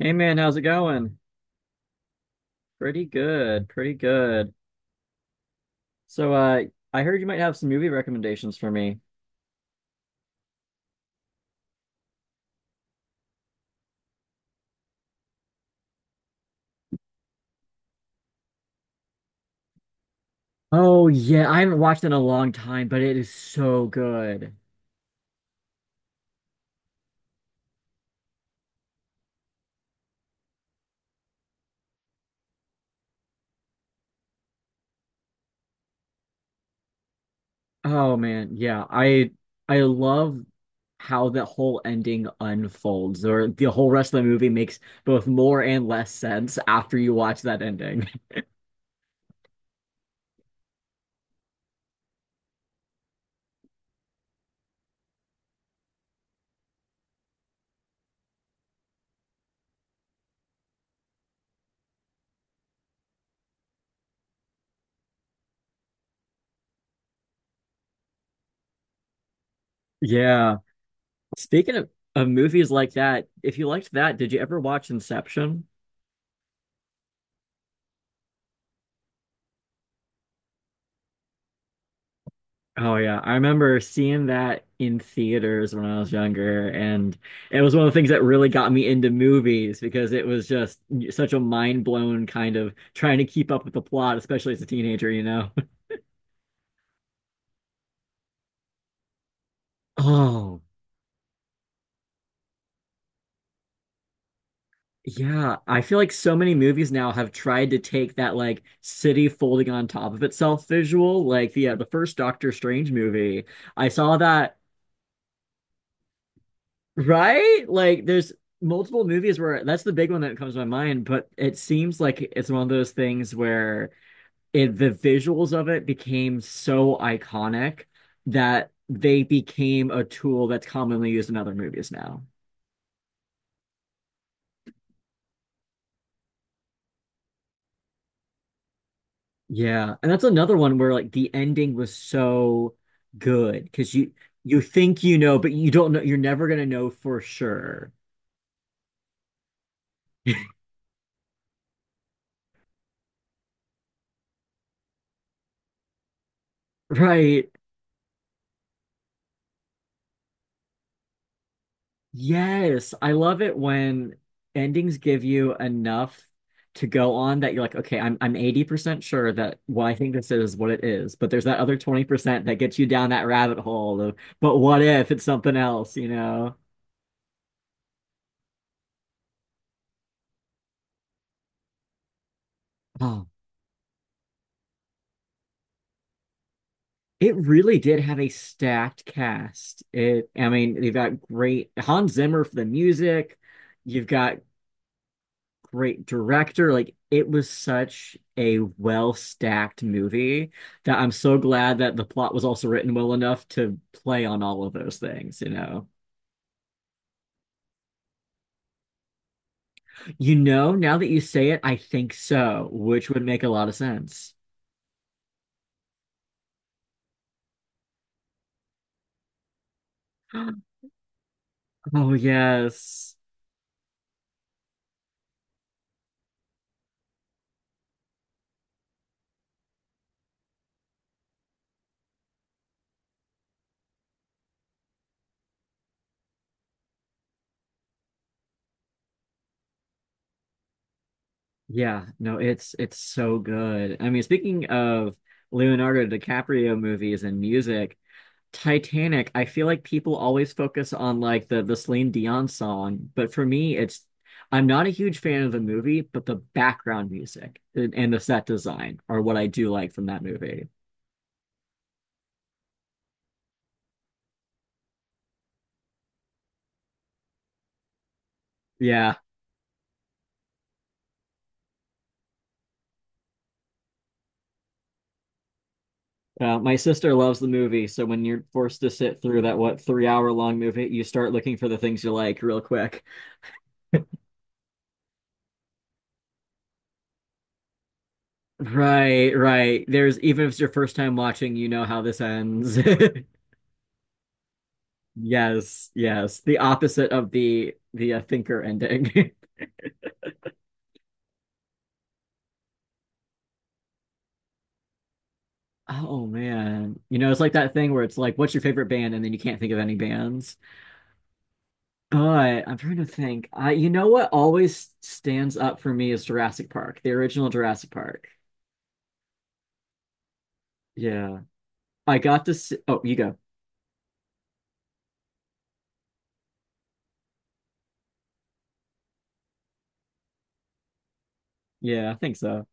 Hey man, how's it going? Pretty good, pretty good. So, uh, I heard you might have some movie recommendations for me. Oh yeah, I haven't watched it in a long time, but it is so good. Oh man, yeah, I love how the whole ending unfolds, or the whole rest of the movie makes both more and less sense after you watch that ending. Yeah. Speaking of movies like that, if you liked that, did you ever watch Inception? Oh yeah, I remember seeing that in theaters when I was younger, and it was one of the things that really got me into movies because it was just such a mind-blown kind of trying to keep up with the plot, especially as a teenager, Oh, yeah. I feel like so many movies now have tried to take that like city folding on top of itself visual. Like the the first Doctor Strange movie, I saw that. Right? Like there's multiple movies where that's the big one that comes to my mind, but it seems like it's one of those things where it, the visuals of it became so iconic that they became a tool that's commonly used in other movies now. Yeah. And that's another one where like the ending was so good because you think you know, but you don't know, you're never gonna know for sure. Right. Yes, I love it when endings give you enough to go on that you're like, okay, I'm 80% sure that, well, I think this is what it is, but there's that other 20% that gets you down that rabbit hole of, but what if it's something else, you know? Oh, it really did have a stacked cast. It, I mean, they've got great Hans Zimmer for the music. You've got great director. Like it was such a well stacked movie that I'm so glad that the plot was also written well enough to play on all of those things, you know. You know, now that you say it, I think so, which would make a lot of sense. Oh yes. Yeah, no, it's so good. I mean, speaking of Leonardo DiCaprio movies and music, Titanic, I feel like people always focus on like the Celine Dion song, but for me, it's I'm not a huge fan of the movie, but the background music and the set design are what I do like from that movie. Yeah, my sister loves the movie, so when you're forced to sit through that what, 3 hour long movie, you start looking for the things you like real quick. Right, right. There's even if it's your first time watching, you know how this ends. Yes, yes. The opposite of the thinker ending. Oh man. You know, it's like that thing where it's like, what's your favorite band? And then you can't think of any bands. But I'm trying to think. I, you know what always stands up for me is Jurassic Park, the original Jurassic Park. Yeah. I got to see, oh, you go. Yeah, I think so.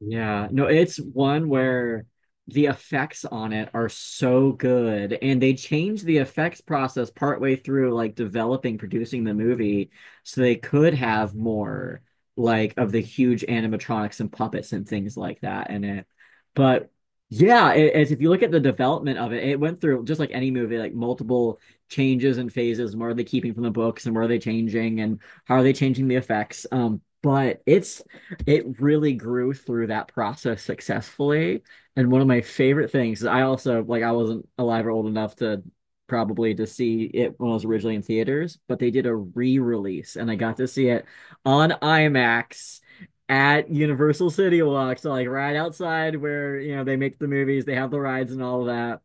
Yeah, no, it's one where the effects on it are so good, and they changed the effects process partway through, like developing, producing the movie, so they could have more like of the huge animatronics and puppets and things like that in it. But yeah, it, it's, if you look at the development of it, it went through just like any movie, like multiple changes and phases. And what are they keeping from the books, and what are they changing, and how are they changing the effects? But it's it really grew through that process successfully. And one of my favorite things, I also like I wasn't alive or old enough to probably to see it when it was originally in theaters, but they did a re-release and I got to see it on IMAX at Universal City Walk. So like right outside where, you know, they make the movies, they have the rides and all of that.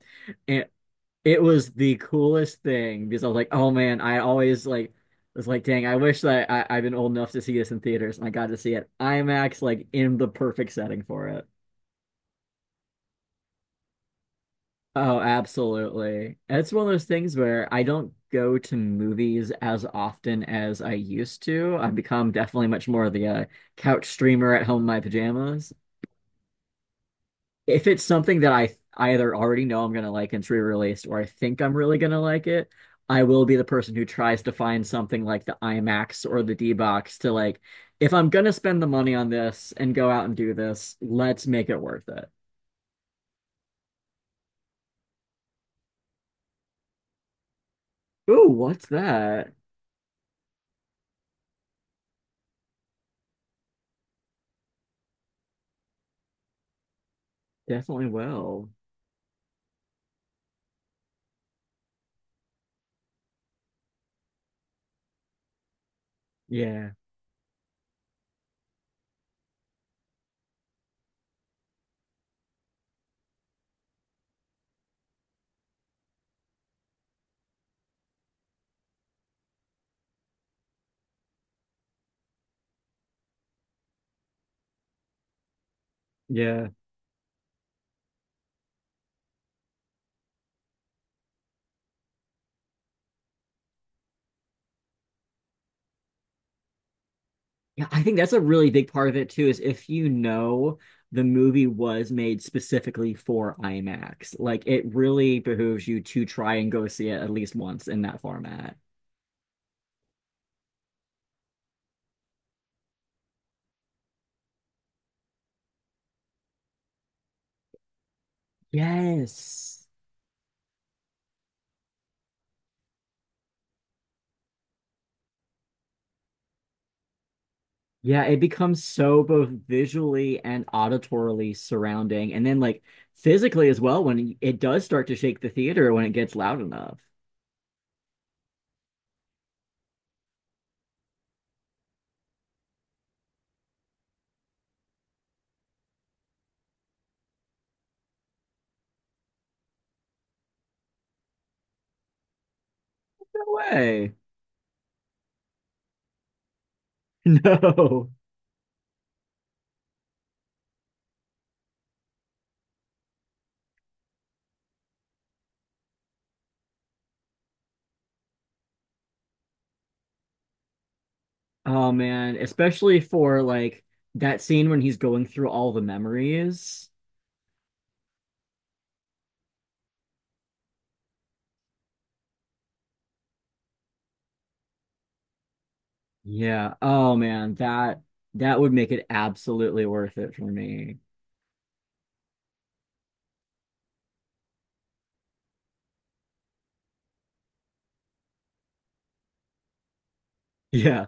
And it was the coolest thing because I was like, oh man, I always like was like, dang, I wish that I, I've been old enough to see this in theaters and I got to see it IMAX like in the perfect setting for it. Oh, absolutely. It's one of those things where I don't go to movies as often as I used to. I've become definitely much more of the couch streamer at home in my pajamas. If it's something that I either already know I'm gonna like and it's re-released, or I think I'm really gonna like it, I will be the person who tries to find something like the IMAX or the D-Box to like, if I'm gonna spend the money on this and go out and do this, let's make it worth it. Ooh, what's that? Definitely will. Yeah. Yeah. Yeah, I think that's a really big part of it too, is if you know the movie was made specifically for IMAX, like it really behooves you to try and go see it at least once in that format. Yes. Yeah, it becomes so both visually and auditorily surrounding, and then like physically as well when it does start to shake the theater when it gets loud enough. No way. No. Oh man, especially for like that scene when he's going through all the memories. Yeah. Oh man, that that would make it absolutely worth it for me. Yeah.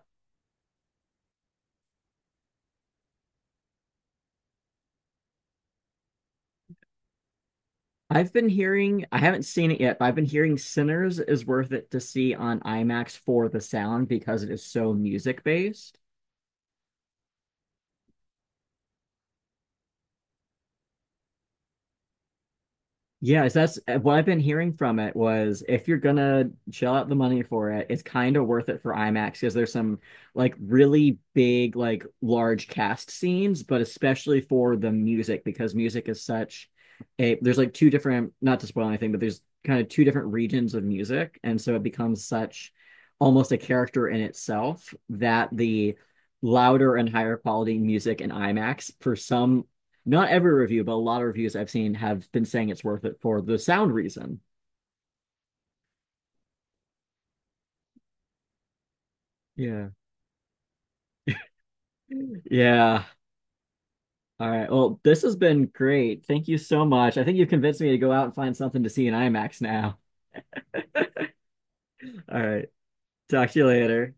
I've been hearing, I haven't seen it yet, but I've been hearing Sinners is worth it to see on IMAX for the sound because it is so music based. Yeah, so that's eh, what I've been hearing from it was if you're gonna shell out the money for it, it's kind of worth it for IMAX because there's some like really big, like large cast scenes, but especially for the music because music is such a there's like two different, not to spoil anything, but there's kind of two different regions of music, and so it becomes such almost a character in itself that the louder and higher quality music in IMAX for some not every review, but a lot of reviews I've seen have been saying it's worth it for the sound reason. Yeah. Yeah. All right. Well, this has been great. Thank you so much. I think you've convinced me to go out and find something to see in IMAX now. All right. Talk to you later.